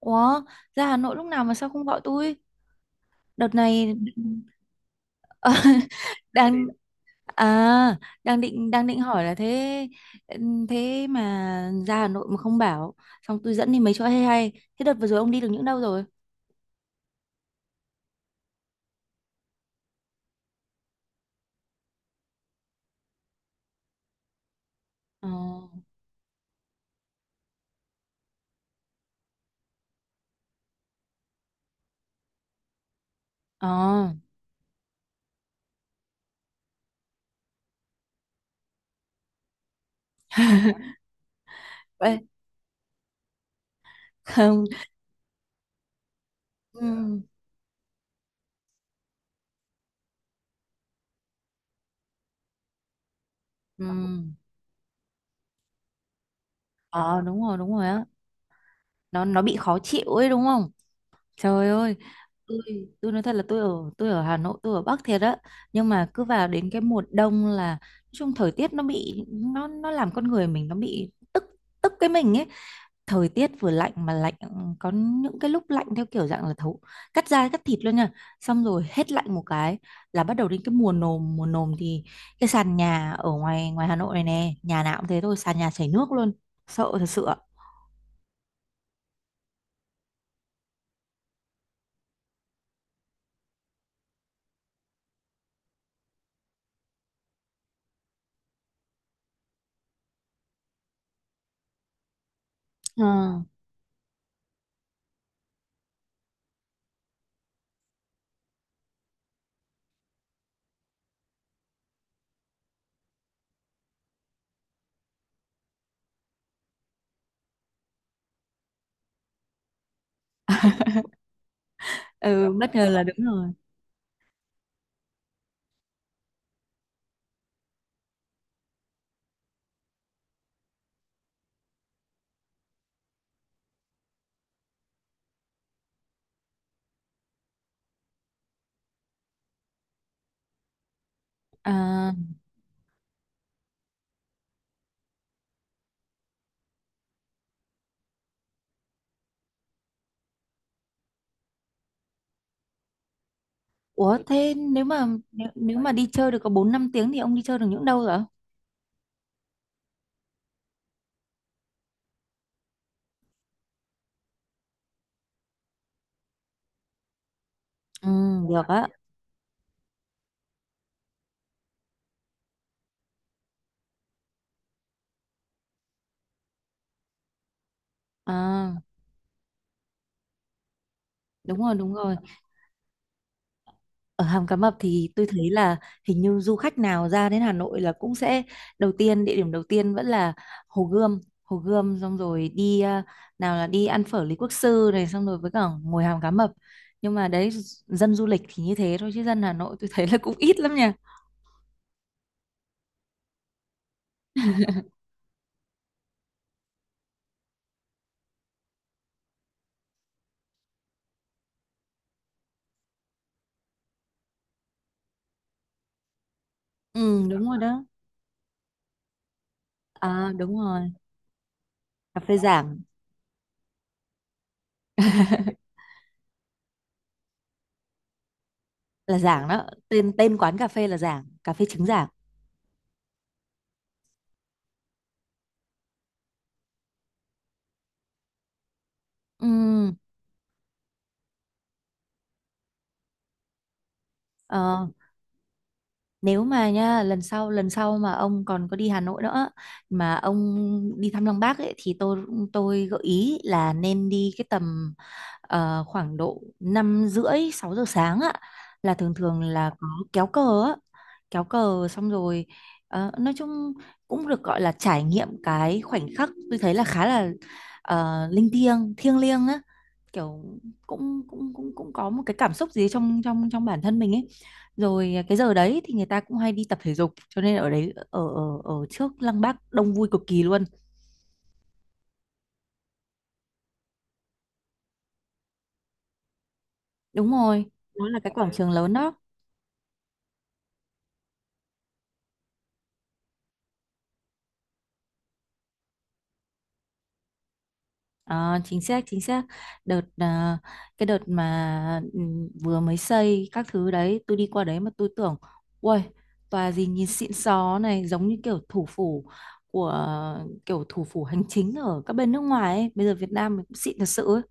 Ủa, ra Hà Nội lúc nào mà sao không gọi tôi? Đợt này Ờ, đang à đang định hỏi là thế thế mà ra Hà Nội mà không bảo, xong tôi dẫn đi mấy chỗ hay hay. Thế đợt vừa rồi ông đi được những đâu rồi? Ờ. Ờ. Vậy không. Ừ. Ừ. Ờ đúng rồi á. Nó bị khó chịu ấy đúng không? Trời ơi, tôi tôi nói thật là tôi ở Hà Nội, tôi ở Bắc thiệt á, nhưng mà cứ vào đến cái mùa đông là nói chung thời tiết nó bị nó làm con người mình nó bị tức tức cái mình ấy. Thời tiết vừa lạnh mà lạnh có những cái lúc lạnh theo kiểu dạng là thấu cắt da cắt thịt luôn nha. Xong rồi hết lạnh một cái là bắt đầu đến cái mùa nồm thì cái sàn nhà ở ngoài ngoài Hà Nội này nè, nhà nào cũng thế thôi, sàn nhà chảy nước luôn. Sợ thật sự ạ. Ờ. Ừ, bất ngờ là đúng rồi. À, ủa thế nếu mà đi chơi được có 4 5 tiếng thì ông đi chơi được những đâu rồi ạ? Ừ, được á. À, đúng rồi, đúng rồi. Ở Hàm Cá Mập thì tôi thấy là hình như du khách nào ra đến Hà Nội là cũng sẽ đầu tiên, địa điểm đầu tiên vẫn là Hồ Gươm, Hồ Gươm xong rồi đi nào là đi ăn phở Lý Quốc Sư này xong rồi với cả ngồi Hàm Cá Mập. Nhưng mà đấy, dân du lịch thì như thế thôi chứ dân Hà Nội tôi thấy là cũng ít lắm nha. Ừ, đúng rồi đó. À, đúng rồi. Cà phê Giảng. Là Giảng đó, tên tên quán cà phê là Giảng, cà phê trứng Giảng. Ừm, ờ, nếu mà nha, lần sau mà ông còn có đi Hà Nội nữa mà ông đi thăm Lăng Bác ấy, thì tôi gợi ý là nên đi cái tầm khoảng độ năm rưỡi sáu giờ sáng á, là thường thường là có kéo cờ á, kéo cờ xong rồi nói chung cũng được gọi là trải nghiệm. Cái khoảnh khắc tôi thấy là khá là linh thiêng, thiêng liêng á, kiểu cũng cũng cũng cũng có một cái cảm xúc gì trong trong trong bản thân mình ấy. Rồi à, cái giờ đấy thì người ta cũng hay đi tập thể dục, cho nên ở đấy, ở ở ở trước Lăng Bác đông vui cực kỳ luôn. Đúng rồi, nó là cái quảng trường lớn đó. Ờ, chính xác, chính xác. Đợt à, cái đợt mà ừ, vừa mới xây các thứ đấy, tôi đi qua đấy mà tôi tưởng ui, tòa gì nhìn xịn xó này, giống như kiểu thủ phủ của, kiểu thủ phủ hành chính ở các bên nước ngoài ấy. Bây giờ Việt Nam mình cũng xịn thật sự ấy.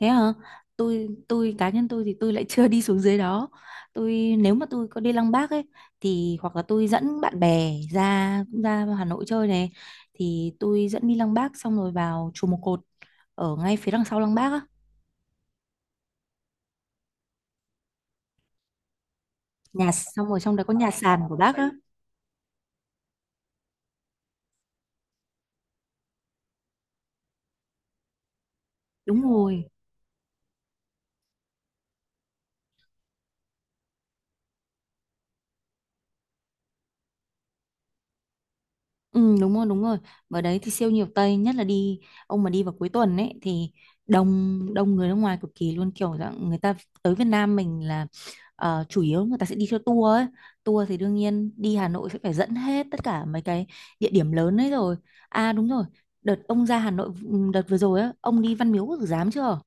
Thế hả? Tôi cá nhân tôi thì tôi lại chưa đi xuống dưới đó. Tôi nếu mà tôi có đi Lăng Bác ấy, thì hoặc là tôi dẫn bạn bè ra cũng ra Hà Nội chơi này, thì tôi dẫn đi Lăng Bác xong rồi vào chùa Một Cột ở ngay phía đằng sau lăng Bác á, nhà, xong rồi trong đấy có nhà sàn của bác á. Đúng rồi. Ừ đúng rồi. Ở đấy thì siêu nhiều Tây, nhất là đi, ông mà đi vào cuối tuần ấy thì đông đông người nước ngoài cực kỳ luôn. Kiểu dạng người ta tới Việt Nam mình là chủ yếu người ta sẽ đi theo tour ấy, tour thì đương nhiên đi Hà Nội sẽ phải dẫn hết tất cả mấy cái địa điểm lớn ấy rồi. À đúng rồi, đợt ông ra Hà Nội ừ, đợt vừa rồi á, ông đi Văn Miếu Quốc Tử Giám chưa?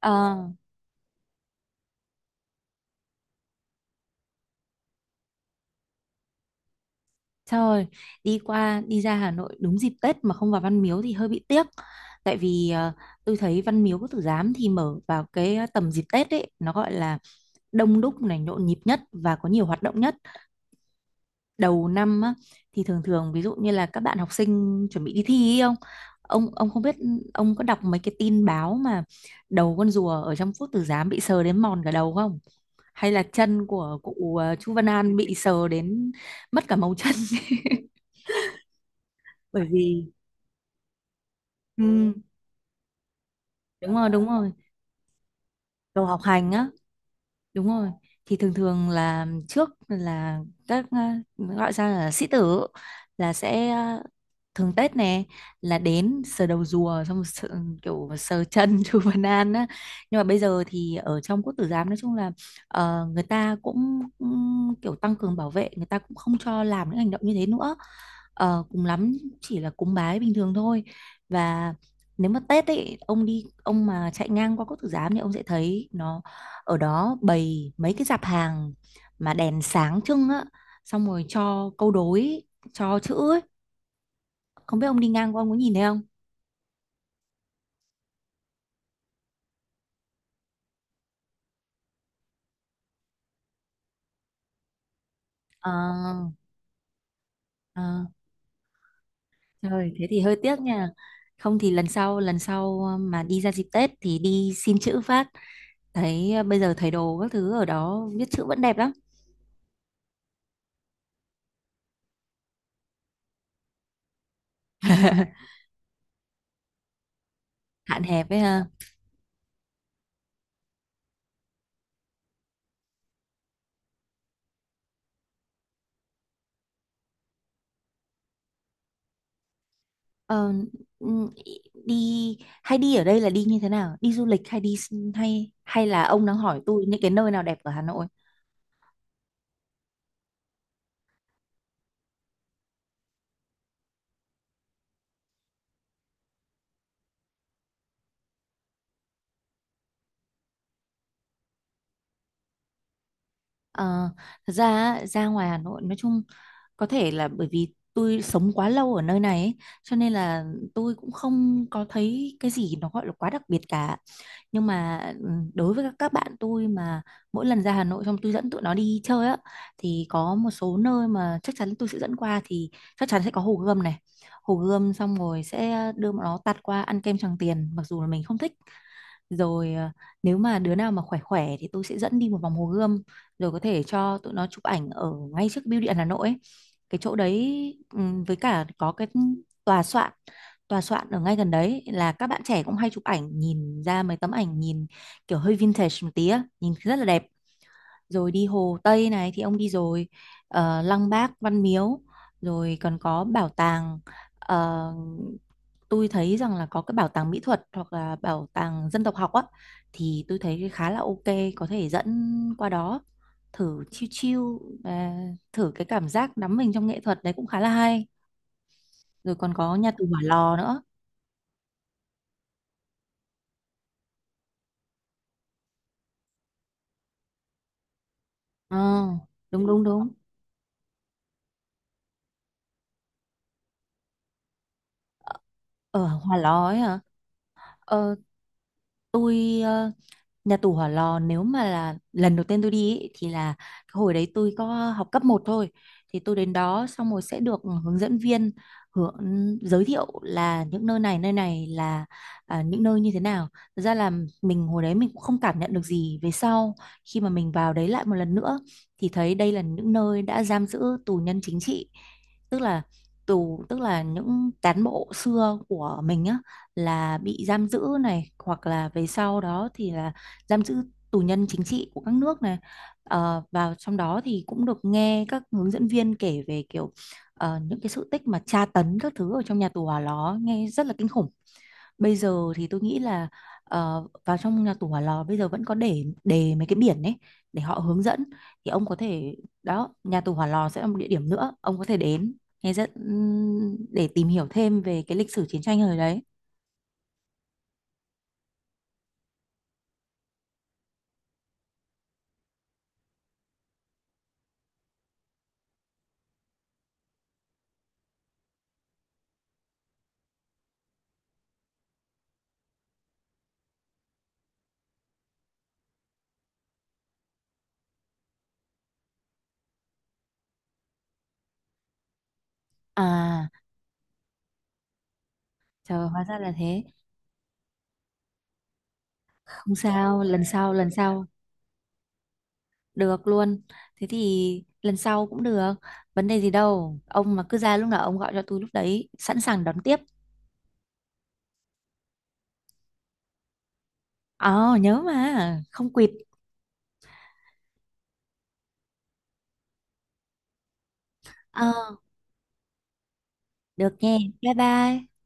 Ờ. Trời, đi qua đi ra Hà Nội đúng dịp Tết mà không vào Văn Miếu thì hơi bị tiếc. Tại vì tôi thấy Văn Miếu Quốc Tử Giám thì mở vào cái tầm dịp Tết ấy, nó gọi là đông đúc này, nhộn nhịp nhất và có nhiều hoạt động nhất. Đầu năm á, thì thường thường ví dụ như là các bạn học sinh chuẩn bị đi thi ấy không? Ông không biết, ông có đọc mấy cái tin báo mà đầu con rùa ở trong Quốc Tử Giám bị sờ đến mòn cả đầu không? Hay là chân của cụ Chu Văn An bị sờ đến mất cả màu chân? Bởi vì ừ, đúng rồi, đúng rồi. Đồ học hành á. Đúng rồi. Thì thường thường là trước là các à, gọi ra là sĩ tử, là sẽ à, thường Tết nè là đến sờ đầu rùa, xong sờ, kiểu sờ chân chú Văn An á. Nhưng mà bây giờ thì ở trong Quốc Tử Giám nói chung là người ta cũng cũng kiểu tăng cường bảo vệ, người ta cũng không cho làm những hành động như thế nữa. Ờ, cùng lắm chỉ là cúng bái bình thường thôi. Và nếu mà Tết ấy ông đi, ông mà chạy ngang qua Quốc Tử Giám thì ông sẽ thấy nó ở đó bày mấy cái dạp hàng mà đèn sáng trưng á, xong rồi cho câu đối, cho chữ ấy. Không biết ông đi ngang qua ông có nhìn thấy không? Ờ ờ, trời thế thì hơi tiếc nha, không thì lần sau mà đi ra dịp Tết thì đi xin chữ phát, thấy bây giờ thầy đồ các thứ ở đó viết chữ vẫn đẹp lắm. Hạn hẹp ấy ha. Ờ, ừ, đi, hay đi ở đây là đi như thế nào, đi du lịch hay đi, hay hay là ông đang hỏi tôi những cái nơi nào đẹp ở Hà Nội? Ờ, thật ra á, ra ngoài Hà Nội nói chung, có thể là bởi vì tôi sống quá lâu ở nơi này ấy, cho nên là tôi cũng không có thấy cái gì nó gọi là quá đặc biệt cả. Nhưng mà ừ, đối với các bạn tôi mà mỗi lần ra Hà Nội xong tôi dẫn tụi nó đi chơi á, thì có một số nơi mà chắc chắn tôi sẽ dẫn qua thì chắc chắn sẽ có Hồ Gươm này, Hồ Gươm xong rồi sẽ đưa bọn nó tạt qua ăn kem Tràng Tiền, mặc dù là mình không thích. Rồi à, nếu mà đứa nào mà khỏe khỏe thì tôi sẽ dẫn đi một vòng Hồ Gươm, rồi có thể cho tụi nó chụp ảnh ở ngay trước bưu điện Hà Nội ấy. Cái chỗ đấy với cả có cái tòa soạn tòa soạn ở ngay gần đấy là các bạn trẻ cũng hay chụp ảnh, nhìn ra mấy tấm ảnh nhìn kiểu hơi vintage một tí á, nhìn rất là đẹp. Rồi đi Hồ Tây này thì ông đi rồi, Lăng Bác, Văn Miếu, rồi còn có bảo tàng, ờ, tôi thấy rằng là có cái bảo tàng mỹ thuật hoặc là bảo tàng dân tộc học á, thì tôi thấy khá là ok, có thể dẫn qua đó thử chill chill và thử cái cảm giác đắm mình trong nghệ thuật đấy, cũng khá là hay. Rồi còn có nhà tù Hỏa Lò nữa. Ờ đúng đúng đúng, ở Hòa Lò ấy hả? Ờ, tôi ờ, nhà tù Hỏa Lò, nếu mà là lần đầu tiên tôi đi ý, thì là cái hồi đấy tôi có học cấp một thôi, thì tôi đến đó xong rồi sẽ được hướng dẫn viên hướng giới thiệu là những nơi này, nơi này là à, những nơi như thế nào. Thật ra là mình hồi đấy mình cũng không cảm nhận được gì. Về sau, khi mà mình vào đấy lại một lần nữa, thì thấy đây là những nơi đã giam giữ tù nhân chính trị, tức là tù, tức là những cán bộ xưa của mình á, là bị giam giữ này, hoặc là về sau đó thì là giam giữ tù nhân chính trị của các nước này. Ờ, và trong đó thì cũng được nghe các hướng dẫn viên kể về kiểu những cái sự tích mà tra tấn các thứ ở trong nhà tù Hỏa Lò, nghe rất là kinh khủng. Bây giờ thì tôi nghĩ là vào trong nhà tù Hỏa Lò bây giờ vẫn có để mấy cái biển ấy, để họ hướng dẫn. Thì ông có thể, đó nhà tù Hỏa Lò sẽ là một địa điểm nữa ông có thể đến nghe rất để tìm hiểu thêm về cái lịch sử chiến tranh hồi đấy. À trời, hóa ra là thế. Không sao, lần sau, lần sau. Được luôn. Thế thì lần sau cũng được. Vấn đề gì đâu. Ông mà cứ ra lúc nào ông gọi cho tôi lúc đấy. Sẵn sàng đón tiếp. Ờ nhớ mà. Không quỵt. Ờ được nghe. Bye bye.